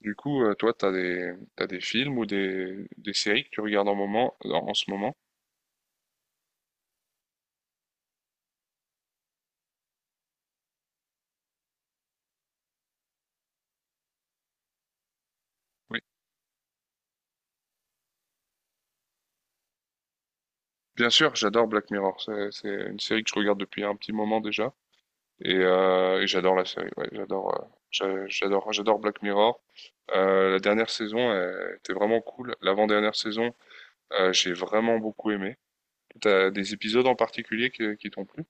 Toi, t'as des films ou des séries que tu regardes en moment, en ce moment? Oui. Bien sûr, j'adore Black Mirror. C'est une série que je regarde depuis un petit moment déjà. Et j'adore la série. Ouais, j'adore, j'adore Black Mirror. La dernière saison était vraiment cool. L'avant-dernière saison, j'ai vraiment beaucoup aimé. T'as des épisodes en particulier qui t'ont plu?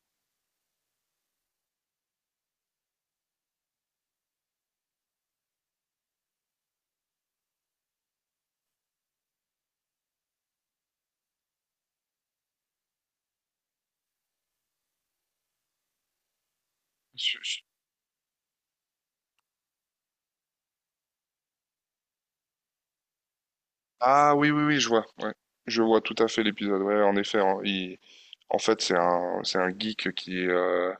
Je- je- Ah oui, oui, oui, je vois. Ouais. Je vois tout à fait l'épisode. Ouais, en effet, hein, en fait, c'est un geek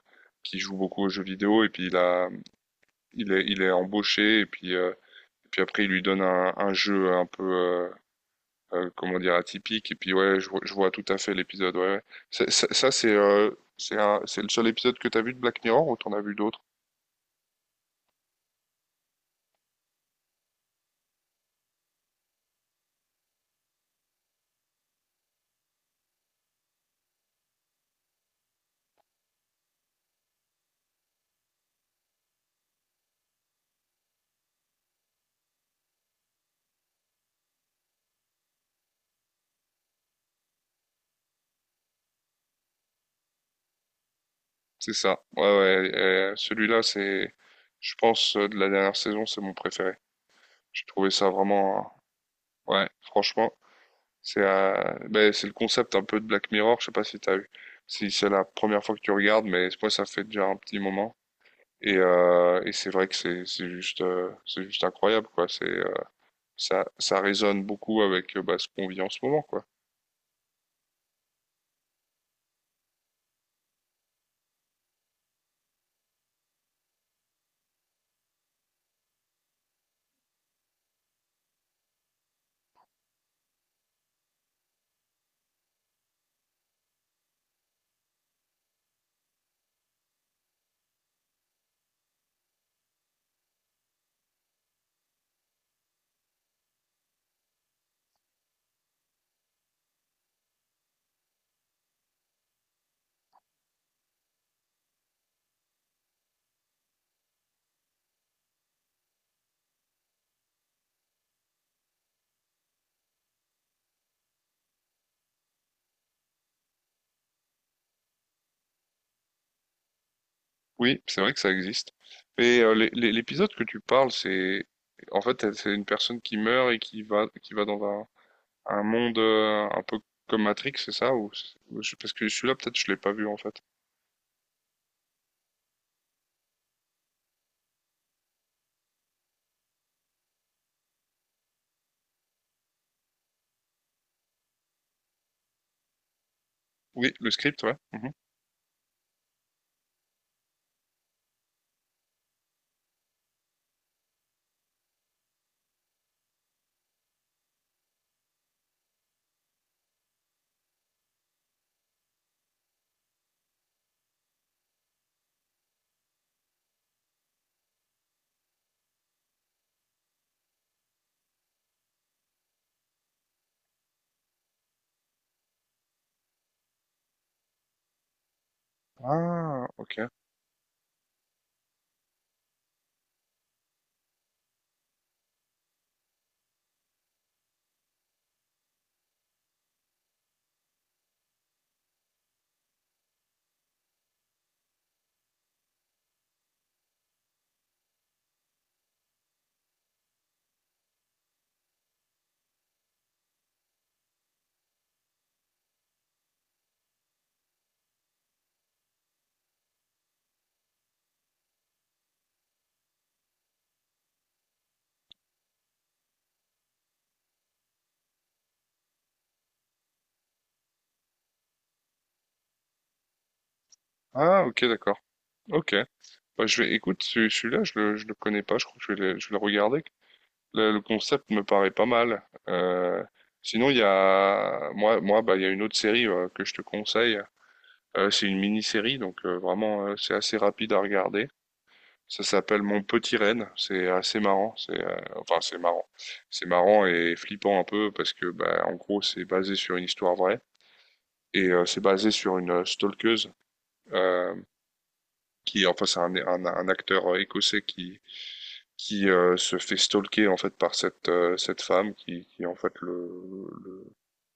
qui joue beaucoup aux jeux vidéo et puis il est embauché et puis après il lui donne un jeu un peu, comment dire, atypique et puis ouais, je vois tout à fait l'épisode. Ouais, ouais. Ça, c'est le seul épisode que t'as vu de Black Mirror ou t'en as vu d'autres? C'est ça. Ouais, ouais. Celui-là, je pense, de la dernière saison, c'est mon préféré. J'ai trouvé ça vraiment, ouais, franchement, c'est ben, c'est le concept un peu de Black Mirror, je sais pas si t'as vu, si c'est la première fois que tu regardes, mais moi ça fait déjà un petit moment. Et c'est vrai que c'est juste incroyable quoi. C'est ça résonne beaucoup avec bah, ce qu'on vit en ce moment quoi. Oui, c'est vrai que ça existe. Et l'épisode que tu parles, c'est en fait c'est une personne qui meurt et qui va dans un monde un peu comme Matrix, c'est ça ou je- parce que celui-là peut-être je l'ai pas vu en fait. Oui, le script, ouais. Mhm. Ah, ok. Ah, ok, d'accord. Ok. Bah, je vais, écoute, celui-là, je le connais pas. Je crois que je vais je vais le regarder. Le concept me paraît pas mal. Euh, sinon, il y a, moi, bah, il y a une autre série que je te conseille. C'est une mini-série, donc vraiment, c'est assez rapide à regarder. Ça s'appelle Mon Petit Renne. C'est assez marrant. C'est, enfin, c'est marrant. C'est marrant et flippant un peu parce que, bah, en gros, c'est basé sur une histoire vraie et c'est basé sur une stalkeuse. Euh, qui enfin c'est un acteur écossais qui se fait stalker en fait par cette femme qui en fait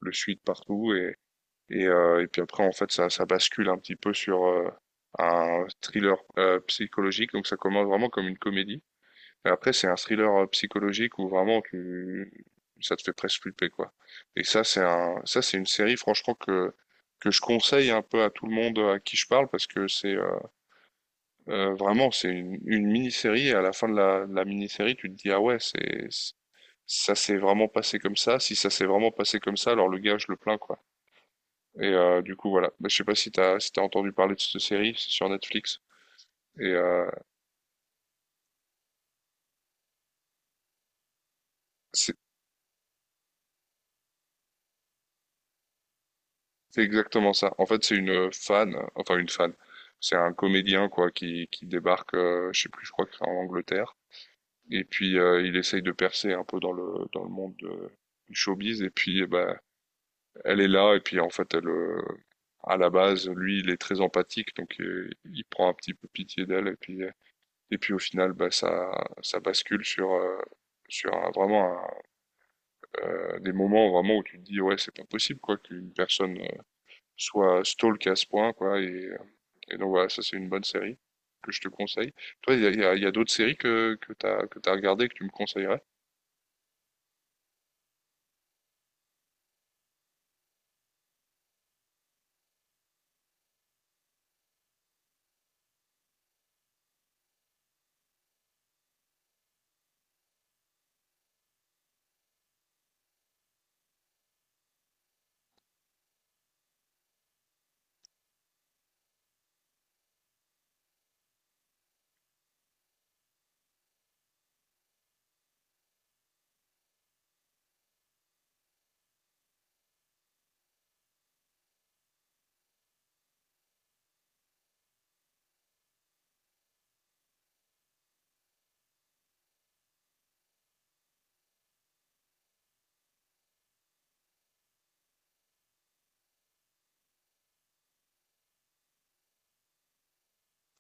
le suit de partout et puis après en fait ça bascule un petit peu sur un thriller psychologique donc ça commence vraiment comme une comédie et après c'est un thriller psychologique où vraiment tu ça te fait presque flipper quoi et ça c'est un ça c'est une série franchement que je conseille un peu à tout le monde à qui je parle parce que c'est vraiment, c'est une mini-série et à la fin de de la mini-série, tu te dis, ah ouais, c'est- ça s'est vraiment passé comme ça. Si ça s'est vraiment passé comme ça, alors le gars, je le plains, quoi. Et du coup, voilà. Bah, je sais pas si t'as, si t'as entendu parler de cette série, c'est sur Netflix. Et c'est c'est exactement ça. En fait, c'est une fan, enfin une fan. C'est un comédien, quoi, qui débarque, je sais plus, je crois que c'est en Angleterre. Et puis, il essaye de percer un peu dans dans le monde du showbiz. Et puis, bah elle est là et puis en fait elle à la base lui il est très empathique donc il prend un petit peu pitié d'elle et puis au final bah ça bascule sur sur un- vraiment un, des moments vraiment où tu te dis ouais c'est pas possible quoi qu'une personne soit stalk à ce point quoi et donc voilà ça c'est une bonne série que je te conseille toi il y a d'autres séries que t'as regardé que tu me conseillerais.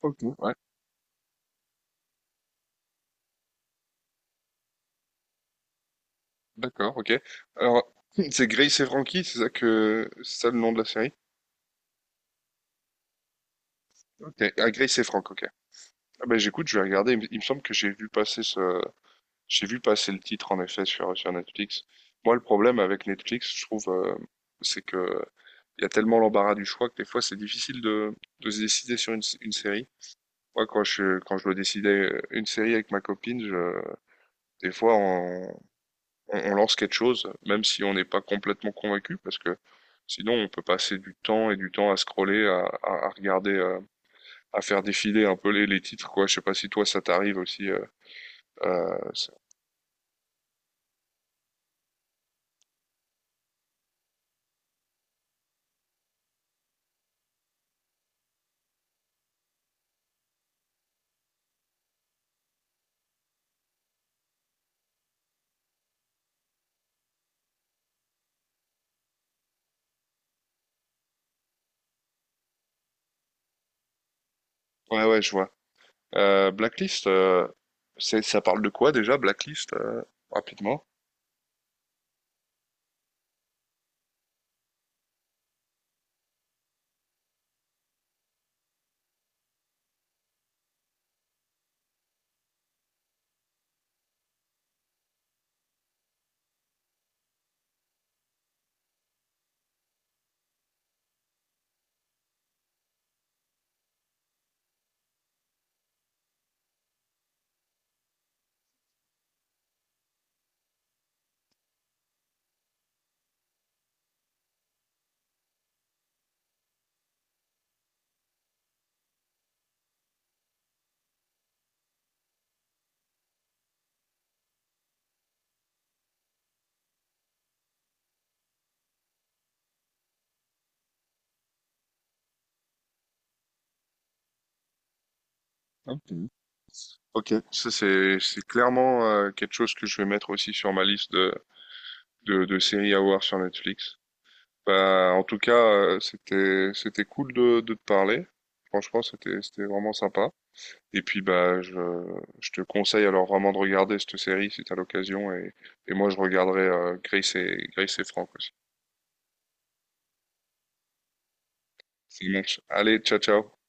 Ok, ouais, d'accord, ok, alors c'est Grace et Frankie c'est ça que c'est ça le nom de la série. Ok, ah, Grace et Franck, ok. Ah bah j'écoute, je vais regarder. Il me semble que j'ai vu passer ce, j'ai vu passer le titre en effet sur, sur Netflix. Moi, le problème avec Netflix, je trouve, c'est que il y a tellement l'embarras du choix que des fois c'est difficile de se décider sur une, s- une série. Moi, quand je dois décider une série avec ma copine, je, des fois on, on lance quelque chose, même si on n'est pas complètement convaincu, parce que sinon on peut passer du temps et du temps à scroller, à regarder. À faire défiler un peu les titres, quoi. Je sais pas si toi ça t'arrive aussi. Ça- ouais, ouais, je vois. Blacklist, c'est- ça parle de quoi déjà, Blacklist, rapidement? Hein. Mhm. Ok, ça c'est clairement quelque chose que je vais mettre aussi sur ma liste de de séries à voir sur Netflix. Bah, en tout cas, c'était cool de te parler. Franchement, c'était vraiment sympa. Et puis bah je te conseille alors vraiment de regarder cette série si tu as l'occasion et moi je regarderai Grace et Frank aussi. Ça marche. Allez, ciao ciao.